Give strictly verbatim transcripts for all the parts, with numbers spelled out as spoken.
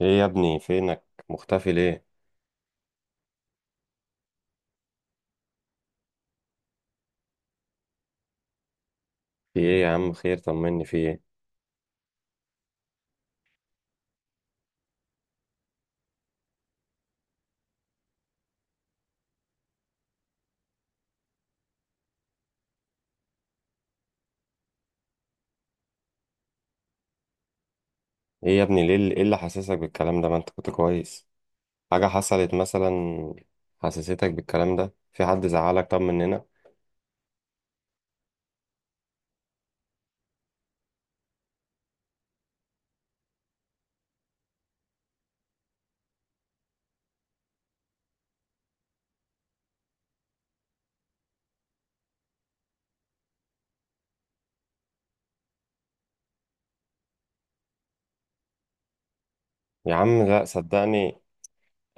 ايه يا ابني؟ فينك؟ مختفي ليه؟ في ايه يا عم؟ خير، طمني، في ايه؟ ايه يا ابني، ليه اللي- ايه اللي حاسسك بالكلام ده؟ ما انت كنت كويس. حاجة حصلت مثلا؟ حسستك بالكلام ده؟ في حد زعلك؟ طب مننا؟ يا عم لا، صدقني.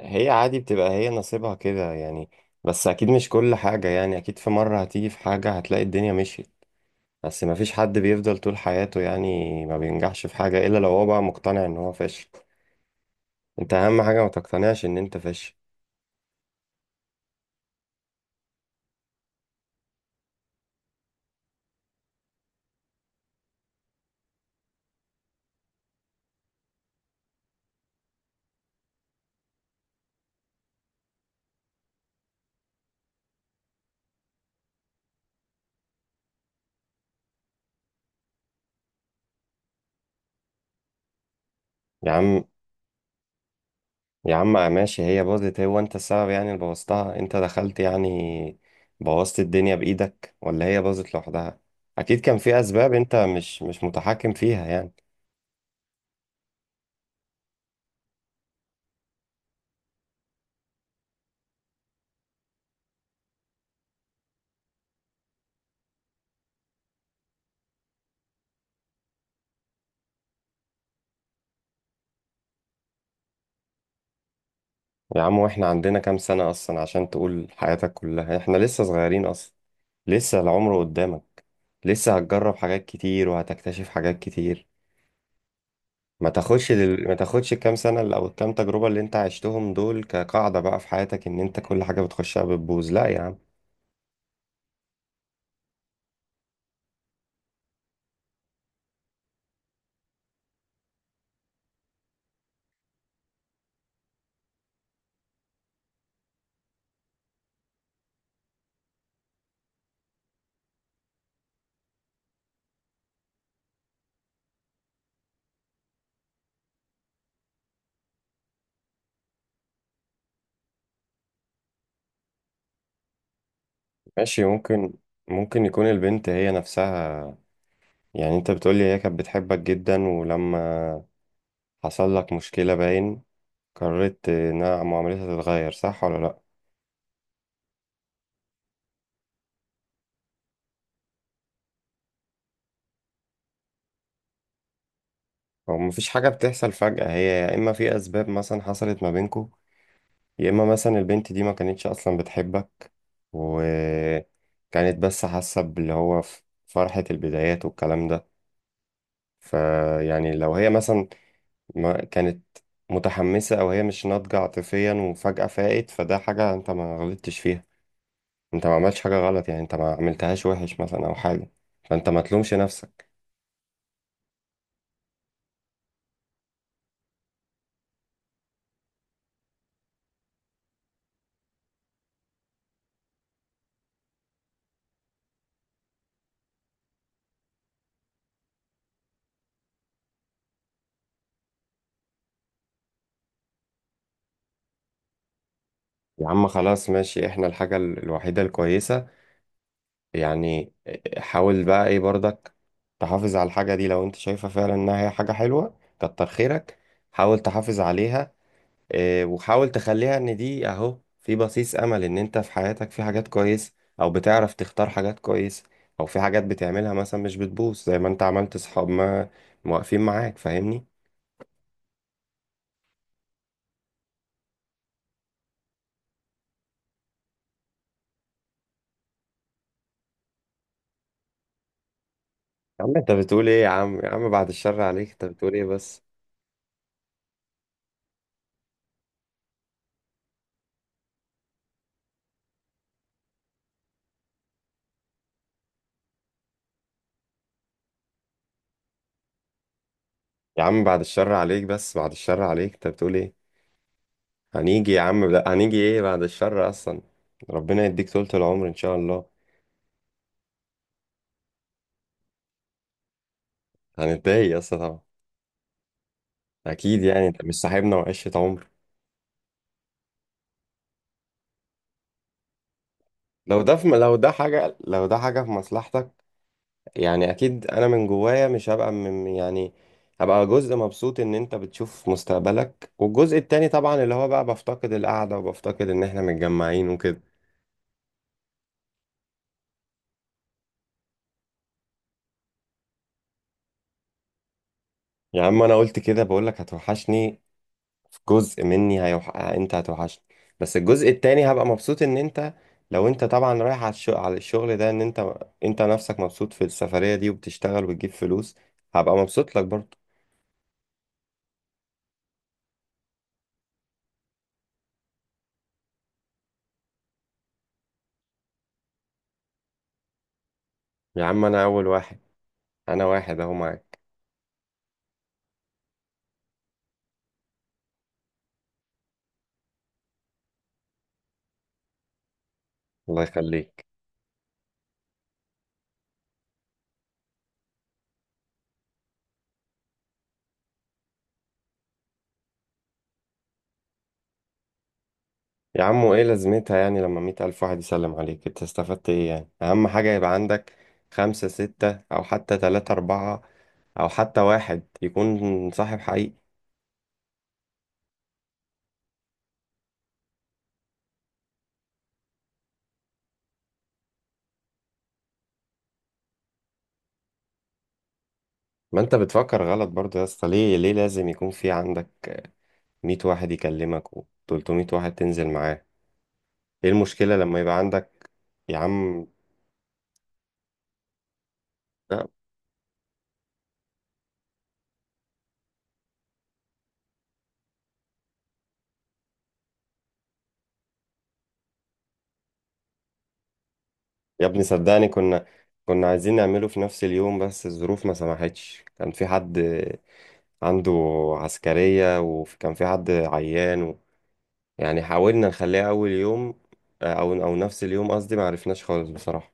هي عادي، بتبقى هي نصيبها كده يعني. بس اكيد مش كل حاجة يعني، اكيد في مرة هتيجي في حاجة هتلاقي الدنيا مشيت. بس ما فيش حد بيفضل طول حياته يعني، ما بينجحش في حاجة الا لو هو بقى مقتنع ان هو فاشل. انت اهم حاجة ما تقتنعش ان انت فاشل. يا عم يا عم ماشي، هي باظت، هو انت السبب يعني؟ اللي بوظتها انت دخلت يعني؟ بوظت الدنيا بإيدك ولا هي باظت لوحدها؟ اكيد كان في اسباب انت مش مش متحكم فيها يعني. يا عم واحنا عندنا كام سنة اصلا عشان تقول حياتك كلها؟ احنا لسه صغيرين اصلا، لسه العمر قدامك، لسه هتجرب حاجات كتير وهتكتشف حاجات كتير. ما تاخدش دل... ما تاخدش الكام سنة اللي- او الكام تجربة اللي انت عشتهم دول كقاعدة بقى في حياتك ان انت كل حاجة بتخشها بتبوظ. لا يا عم. ماشي، ممكن. ممكن يكون البنت هي نفسها، يعني انت بتقولي هي كانت بتحبك جدا، ولما حصل لك مشكلة باين قررت انها معاملتها تتغير، صح ولا لا؟ هو مفيش حاجة بتحصل فجأة، هي يا اما في اسباب مثلا حصلت ما بينكو، يا اما مثلا البنت دي ما كانتش اصلا بتحبك، وكانت بس حاسة باللي هو ف- فرحة البدايات والكلام ده. فيعني لو هي مثلا ما كانت متحمسة أو هي مش ناضجة عاطفيا وفجأة فاقت، فده حاجة أنت ما غلطتش فيها. أنت ما عملتش حاجة غلط يعني، أنت ما عملتهاش وحش مثلا أو حاجة. فأنت ما تلومش نفسك. يا عم خلاص ماشي، إحنا الحاجة ال- الوحيدة الكويسة يعني. حاول بقى إيه برضك، تحافظ على الحاجة دي لو أنت شايفة فعلا إنها هي حاجة حلوة. كتر خيرك، حاول تحافظ عليها. آه، وحاول تخليها ان دي اهو في بصيص امل ان انت في حياتك في حاجات كويسة، او بتعرف تختار حاجات كويسة، او في حاجات بتعملها مثلا مش بتبوظ زي ما انت عملت صحاب ما واقفين معاك، فاهمني؟ يا عم انت بتقول ايه؟ يا عم يا عم بعد الشر عليك، انت بتقول ايه بس؟ يا عم بعد الشر عليك، بس بعد الشر عليك، انت بتقول ايه؟ هنيجي يا عم، لا، هنيجي ايه بعد الشر اصلا، ربنا يديك طولة العمر ان شاء الله. هنتضايق يا اسطى طبعا، اكيد يعني، انت مش صاحبنا وعشرة عمر؟ لو ده في، لو ده حاجة، لو ده حاجة في مصلحتك، يعني أكيد أنا من جوايا مش هبقى من يعني، هبقى جزء مبسوط إن أنت بتشوف مستقبلك، والجزء التاني طبعا اللي هو بقى بفتقد القعدة وبفتقد إن إحنا متجمعين وكده. يا عم أنا قلت كده، بقولك هتوحشني. في جزء مني هيوح... أنت هتوحشني، بس الجزء التاني هبقى مبسوط إن أنت، لو أنت طبعا رايح على الشغل، على الشغل ده، إن أنت، أنت نفسك مبسوط في السفرية دي وبتشتغل وبتجيب فلوس، هبقى مبسوط لك برضه. يا عم أنا أول واحد، انا واحد اهو معاك. الله يخليك. يا عم وايه لازمتها يعني لما مية الف واحد يسلم عليك؟ انت استفدت ايه يعني؟ اهم حاجة يبقى عندك خمسة ستة او حتى تلاتة اربعة، او حتى واحد يكون صاحب حقيقي. ما انت بتفكر غلط برضو يا اسطى، ليه ليه لازم يكون في عندك مية واحد يكلمك و ثلاثمئة واحد تنزل معاه؟ ايه المشكلة لما يبقى عندك؟ يا عم لا. يا ابني صدقني كنا، كنا عايزين نعمله في نفس اليوم بس الظروف ما سمحتش، كان في حد عنده عسكرية وكان في حد عيان و... يعني حاولنا نخليها أول يوم، آه، أو أو نفس اليوم قصدي، ما عرفناش خالص بصراحة.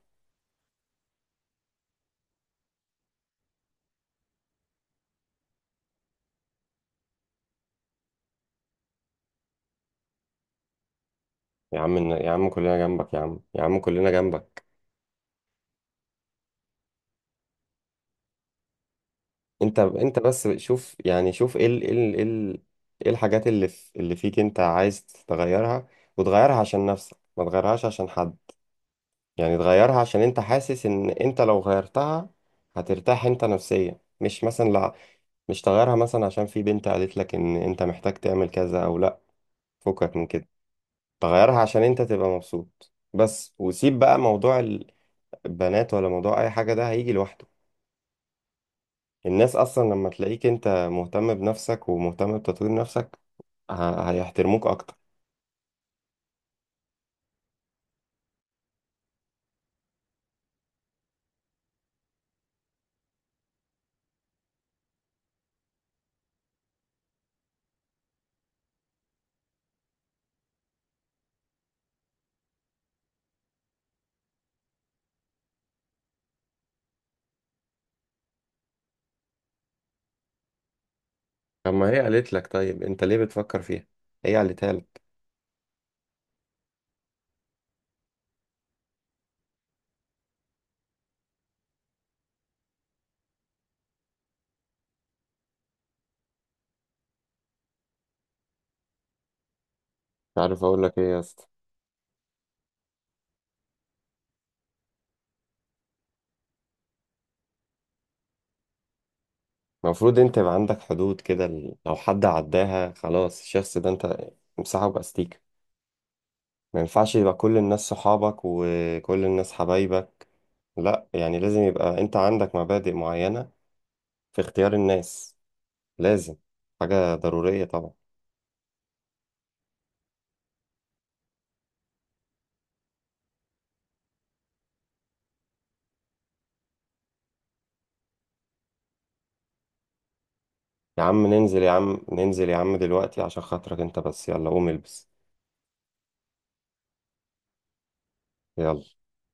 يا عم يا عم كلنا جنبك، يا عم يا عم كلنا جنبك. أنت أنت بس شوف يعني، شوف إيه ال... إيه ال... إيه ال- إيه الحاجات اللي في... اللي فيك أنت عايز تغيرها، وتغيرها عشان نفسك، ما تغيرهاش عشان حد. يعني تغيرها عشان انت حاسس ان انت لو غيرتها هترتاح انت نفسيا، مش مثلا لا، مش تغيرها مثلا عشان في بنت قالت لك ان انت محتاج تعمل كذا او لا. فكك من كده، تغيرها عشان انت تبقى مبسوط بس، وسيب بقى موضوع البنات ولا موضوع اي حاجة، ده هيجي لوحده. الناس اصلا لما تلاقيك انت مهتم بنفسك ومهتم بتطوير نفسك ه- هيحترموك اكتر. طب ما هي قالت لك، طيب انت ليه بتفكر فيها؟ هي قالتها لك. مش عارف اقول لك ايه يا اسطى. المفروض انت يبقى عندك حدود كده، ال- لو حد عداها خلاص الشخص ده انت امسحه باستيكة. ما ينفعش يبقى كل الناس صحابك وكل الناس حبايبك، لا، يعني لازم يبقى انت عندك مبادئ معينة في اختيار الناس، لازم، حاجة ضرورية طبعا. يا عم ننزل يا عم، ننزل يا عم دلوقتي عشان خاطرك انت بس، يلا قوم البس. يلا